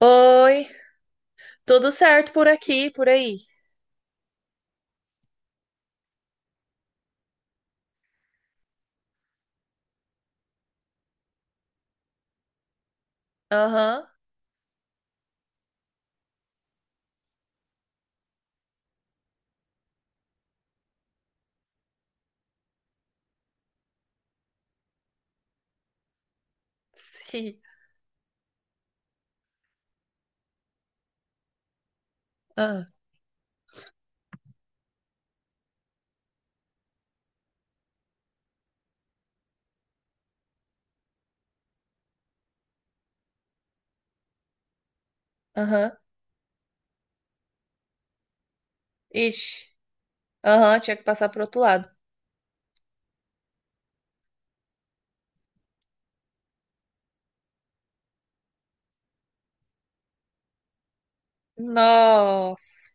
Oi, tudo certo por aqui, por aí? Aham, sim. Ah, aham, ixi, aham, tinha que passar pro outro lado. Nossa,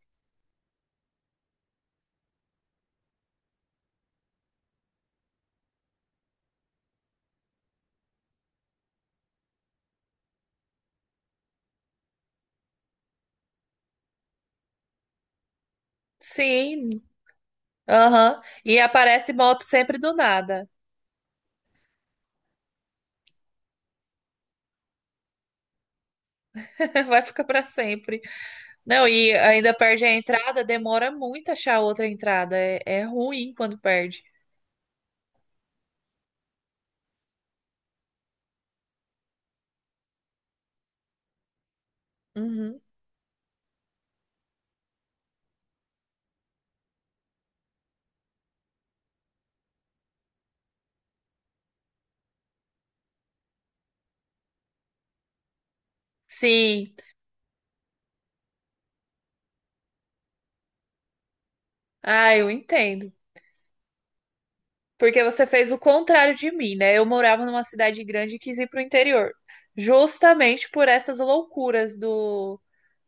sim, aham. E aparece moto sempre do nada. Vai ficar pra sempre. Não, e ainda perde a entrada, demora muito achar outra entrada, é ruim quando perde. Uhum. Sim, ah, eu entendo. Porque você fez o contrário de mim, né? Eu morava numa cidade grande e quis ir pro interior, justamente por essas loucuras do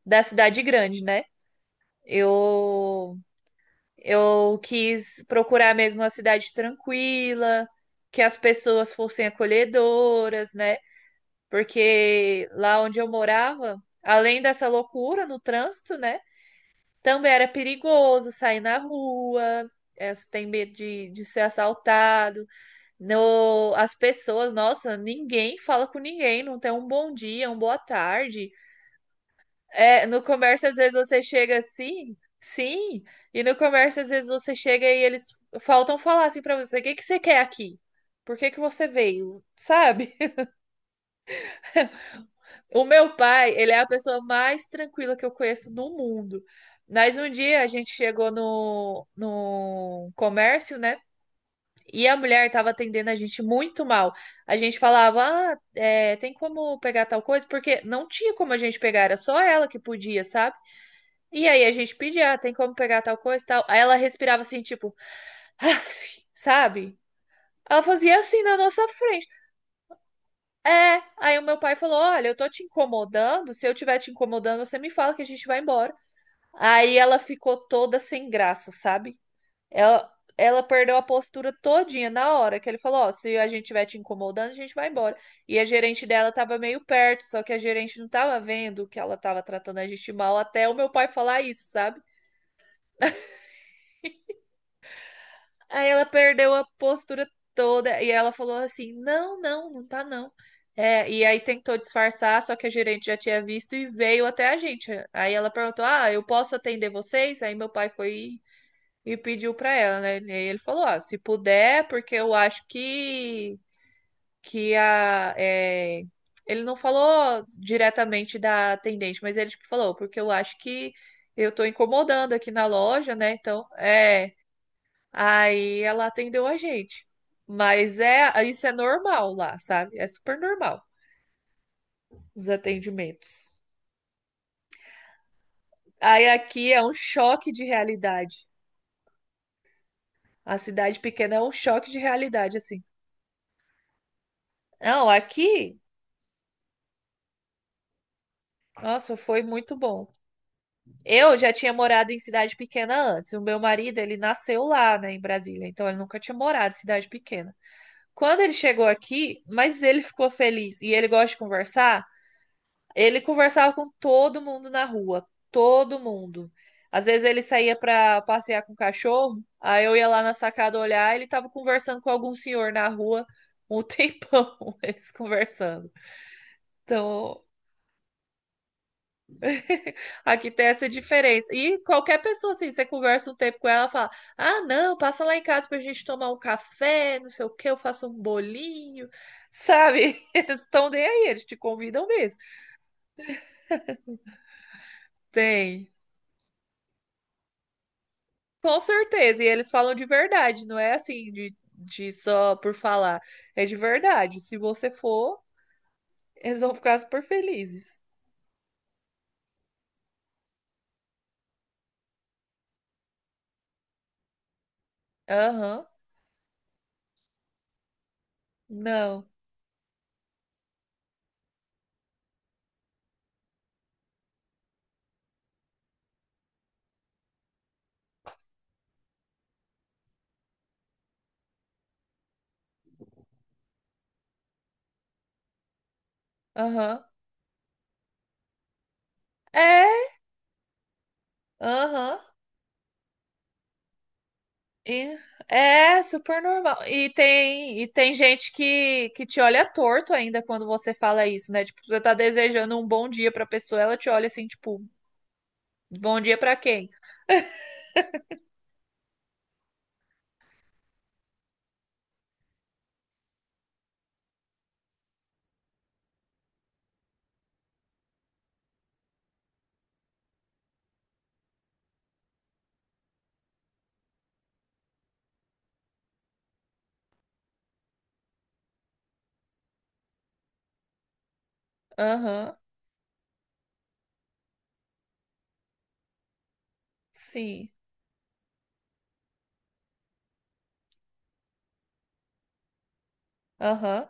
da cidade grande, né? Eu eu quis procurar mesmo uma cidade tranquila, que as pessoas fossem acolhedoras, né? Porque lá onde eu morava, além dessa loucura no trânsito, né? Também era perigoso sair na rua, você tem medo de ser assaltado. No, as pessoas, nossa, ninguém fala com ninguém, não tem um bom dia, um boa tarde. É, no comércio, às vezes você chega assim, sim, e no comércio, às vezes você chega e eles faltam falar assim pra você: o que que você quer aqui? Por que que você veio? Sabe? O meu pai, ele é a pessoa mais tranquila que eu conheço no mundo. Mas um dia a gente chegou no comércio, né? E a mulher estava atendendo a gente muito mal. A gente falava, ah, é, tem como pegar tal coisa? Porque não tinha como a gente pegar, era só ela que podia, sabe? E aí a gente pedia, ah, tem como pegar tal coisa e tal. Aí ela respirava assim, tipo, "Aff", sabe? Ela fazia assim na nossa frente. É, aí o meu pai falou: olha, eu tô te incomodando. Se eu tiver te incomodando, você me fala que a gente vai embora. Aí ela ficou toda sem graça, sabe? Ela, ela perdeu a postura todinha na hora que ele falou, ó, se a gente estiver te incomodando, a gente vai embora. E a gerente dela tava meio perto, só que a gerente não tava vendo que ela tava tratando a gente mal até o meu pai falar isso, sabe? Aí ela perdeu a postura toda e ela falou assim: "não, não, não tá não". É, e aí tentou disfarçar, só que a gerente já tinha visto e veio até a gente. Aí ela perguntou: "ah, eu posso atender vocês?" Aí meu pai foi e pediu pra ela, né? E ele falou, ó, se puder, porque eu acho que a é, ele não falou diretamente da atendente, mas ele tipo, falou, porque eu acho que eu tô incomodando aqui na loja, né? Então, é, aí ela atendeu a gente. Mas é, isso é normal lá, sabe? É super normal os atendimentos. Aí aqui é um choque de realidade. A cidade pequena é um choque de realidade, assim. Não, aqui. Nossa, foi muito bom. Eu já tinha morado em cidade pequena antes. O meu marido, ele nasceu lá, né, em Brasília, então ele nunca tinha morado em cidade pequena. Quando ele chegou aqui, mas ele ficou feliz e ele gosta de conversar, ele conversava com todo mundo na rua, todo mundo. Às vezes ele saía para passear com o cachorro, aí eu ia lá na sacada olhar, ele tava conversando com algum senhor na rua um tempão, eles conversando. Então. Aqui tem essa diferença. E qualquer pessoa, assim, você conversa um tempo com ela, fala: ah, não, passa lá em casa pra gente tomar um café, não sei o quê, eu faço um bolinho, sabe? Eles estão nem aí, eles te convidam mesmo. Tem, com certeza. E eles falam de verdade, não é assim de só por falar. É de verdade. Se você for, eles vão ficar super felizes. Aham, não, aham. É, aham. E- É super normal. E tem gente que te olha torto ainda quando você fala isso, né? Tipo, você tá desejando um bom dia pra pessoa, ela te olha assim, tipo, bom dia pra quem? Aham, sim. Aham.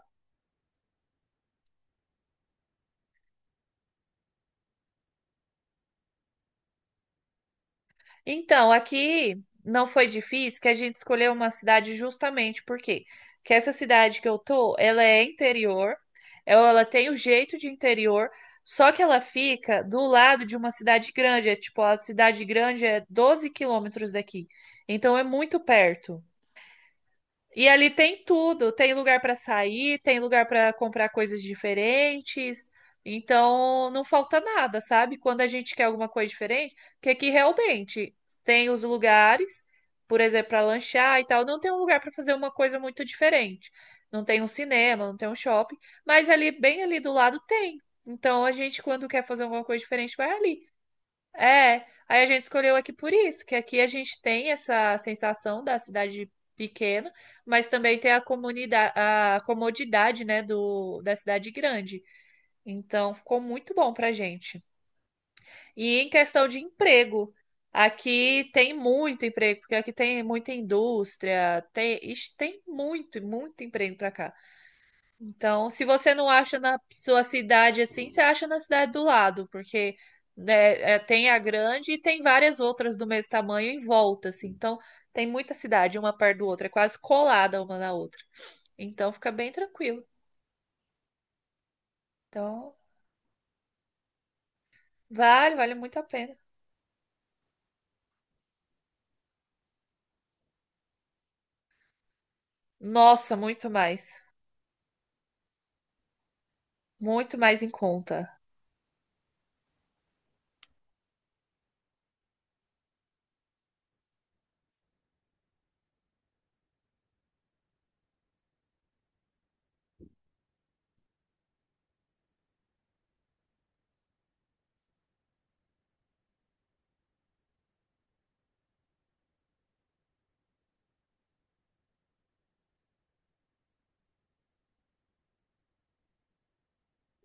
Então, aqui não foi difícil que a gente escolheu uma cidade justamente porque que essa cidade que eu tô, ela é interior, ela tem o jeito de interior, só que ela fica do lado de uma cidade grande, é tipo, a cidade grande é 12 quilômetros daqui. Então é muito perto. E ali tem tudo, tem lugar para sair, tem lugar para comprar coisas diferentes. Então, não falta nada, sabe? Quando a gente quer alguma coisa diferente, que aqui realmente tem os lugares, por exemplo, para lanchar e tal, não tem um lugar para fazer uma coisa muito diferente. Não tem um cinema, não tem um shopping, mas ali bem ali do lado tem. Então, a gente quando quer fazer alguma coisa diferente, vai ali. É, aí a gente escolheu aqui por isso, que aqui a gente tem essa sensação da cidade pequena, mas também tem a comunidade, a comodidade, né, da cidade grande. Então, ficou muito bom pra gente. E em questão de emprego, aqui tem muito emprego, porque aqui tem muita indústria, tem, ixi, tem muito, muito emprego pra cá. Então, se você não acha na sua cidade assim, você acha na cidade do lado, porque né, é, tem a grande e tem várias outras do mesmo tamanho em volta, assim. Então, tem muita cidade uma perto do outra, é quase colada uma na outra. Então, fica bem tranquilo. Então, vale muito a pena. Nossa, muito mais. Muito mais em conta.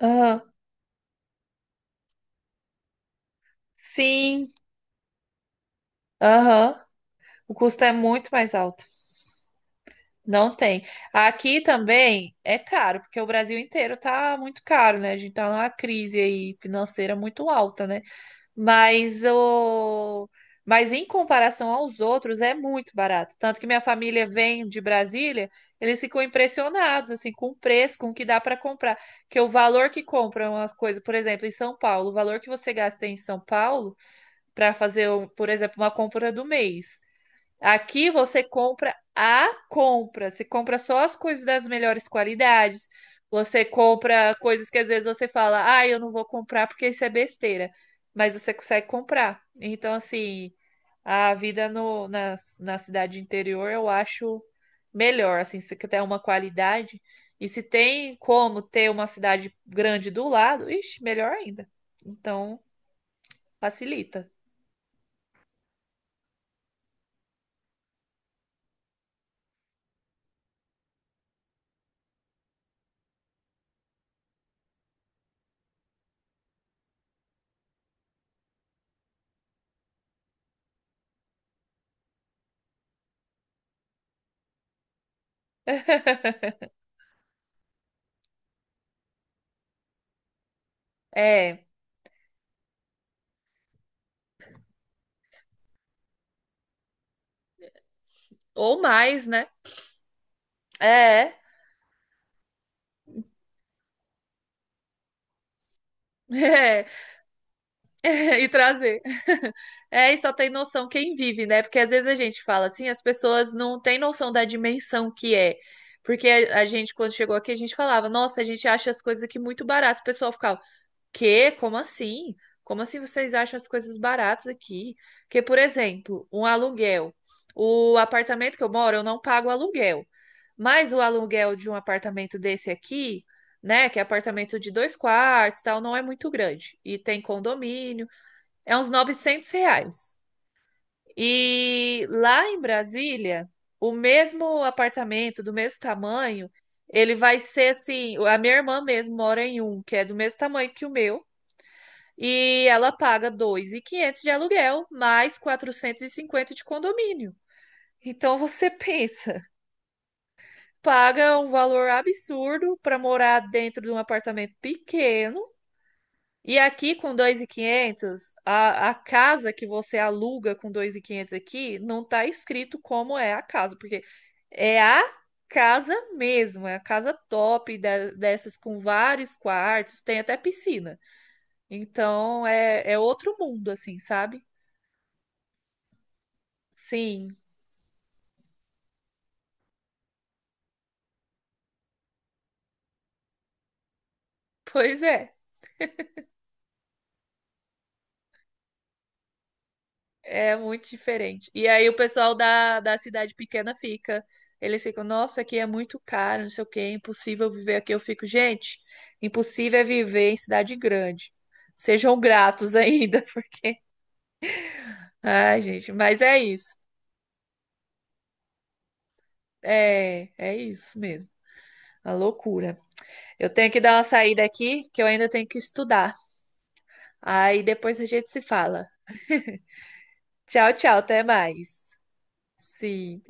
Aham. Sim, aham. O custo é muito mais alto. Não tem. Aqui também é caro, porque o Brasil inteiro tá muito caro, né? A gente tá numa crise aí financeira muito alta, né? Mas o mas em comparação aos outros é muito barato. Tanto que minha família vem de Brasília, eles ficam impressionados assim com o preço, com o que dá para comprar, que o valor que compra umas coisas, por exemplo, em São Paulo, o valor que você gasta em São Paulo para fazer, por exemplo, uma compra do mês. Aqui você compra a compra, você compra só as coisas das melhores qualidades. Você compra coisas que às vezes você fala, ah, eu não vou comprar porque isso é besteira, mas você consegue comprar. Então, assim, a vida no, na, na cidade interior eu acho melhor, assim, se tem uma qualidade. E se tem como ter uma cidade grande do lado, ixi, melhor ainda. Então, facilita. É, ou mais, né? É. É, e trazer. É, e só tem noção quem vive, né? Porque às vezes a gente fala assim, as pessoas não têm noção da dimensão que é. Porque a gente, quando chegou aqui, a gente falava, nossa, a gente acha as coisas aqui muito baratas. O pessoal ficava, quê? Como assim? Como assim vocês acham as coisas baratas aqui? Porque, por exemplo, um aluguel. O apartamento que eu moro, eu não pago aluguel. Mas o aluguel de um apartamento desse aqui, né, que é apartamento de dois quartos, tal, não é muito grande. E tem condomínio, é uns 900 reais. E lá em Brasília, o mesmo apartamento, do mesmo tamanho, ele vai ser assim. A minha irmã mesmo mora em um, que é do mesmo tamanho que o meu. E ela paga 2.500 de aluguel, mais 450 de condomínio. Então você pensa, paga um valor absurdo para morar dentro de um apartamento pequeno. E aqui com 2.500, a casa que você aluga com 2.500 aqui não tá escrito como é a casa, porque é a casa mesmo, é a casa top dessas com vários quartos, tem até piscina. Então é outro mundo, assim, sabe? Sim, pois é. É muito diferente. E aí o pessoal da cidade pequena fica. Eles ficam, nossa, aqui é muito caro, não sei o quê, é impossível viver aqui. Eu fico, gente, impossível é viver em cidade grande. Sejam gratos ainda. Ai, gente, mas é isso. É isso mesmo. A loucura. Eu tenho que dar uma saída aqui, que eu ainda tenho que estudar. Aí depois a gente se fala. Tchau, tchau, até mais. Sim.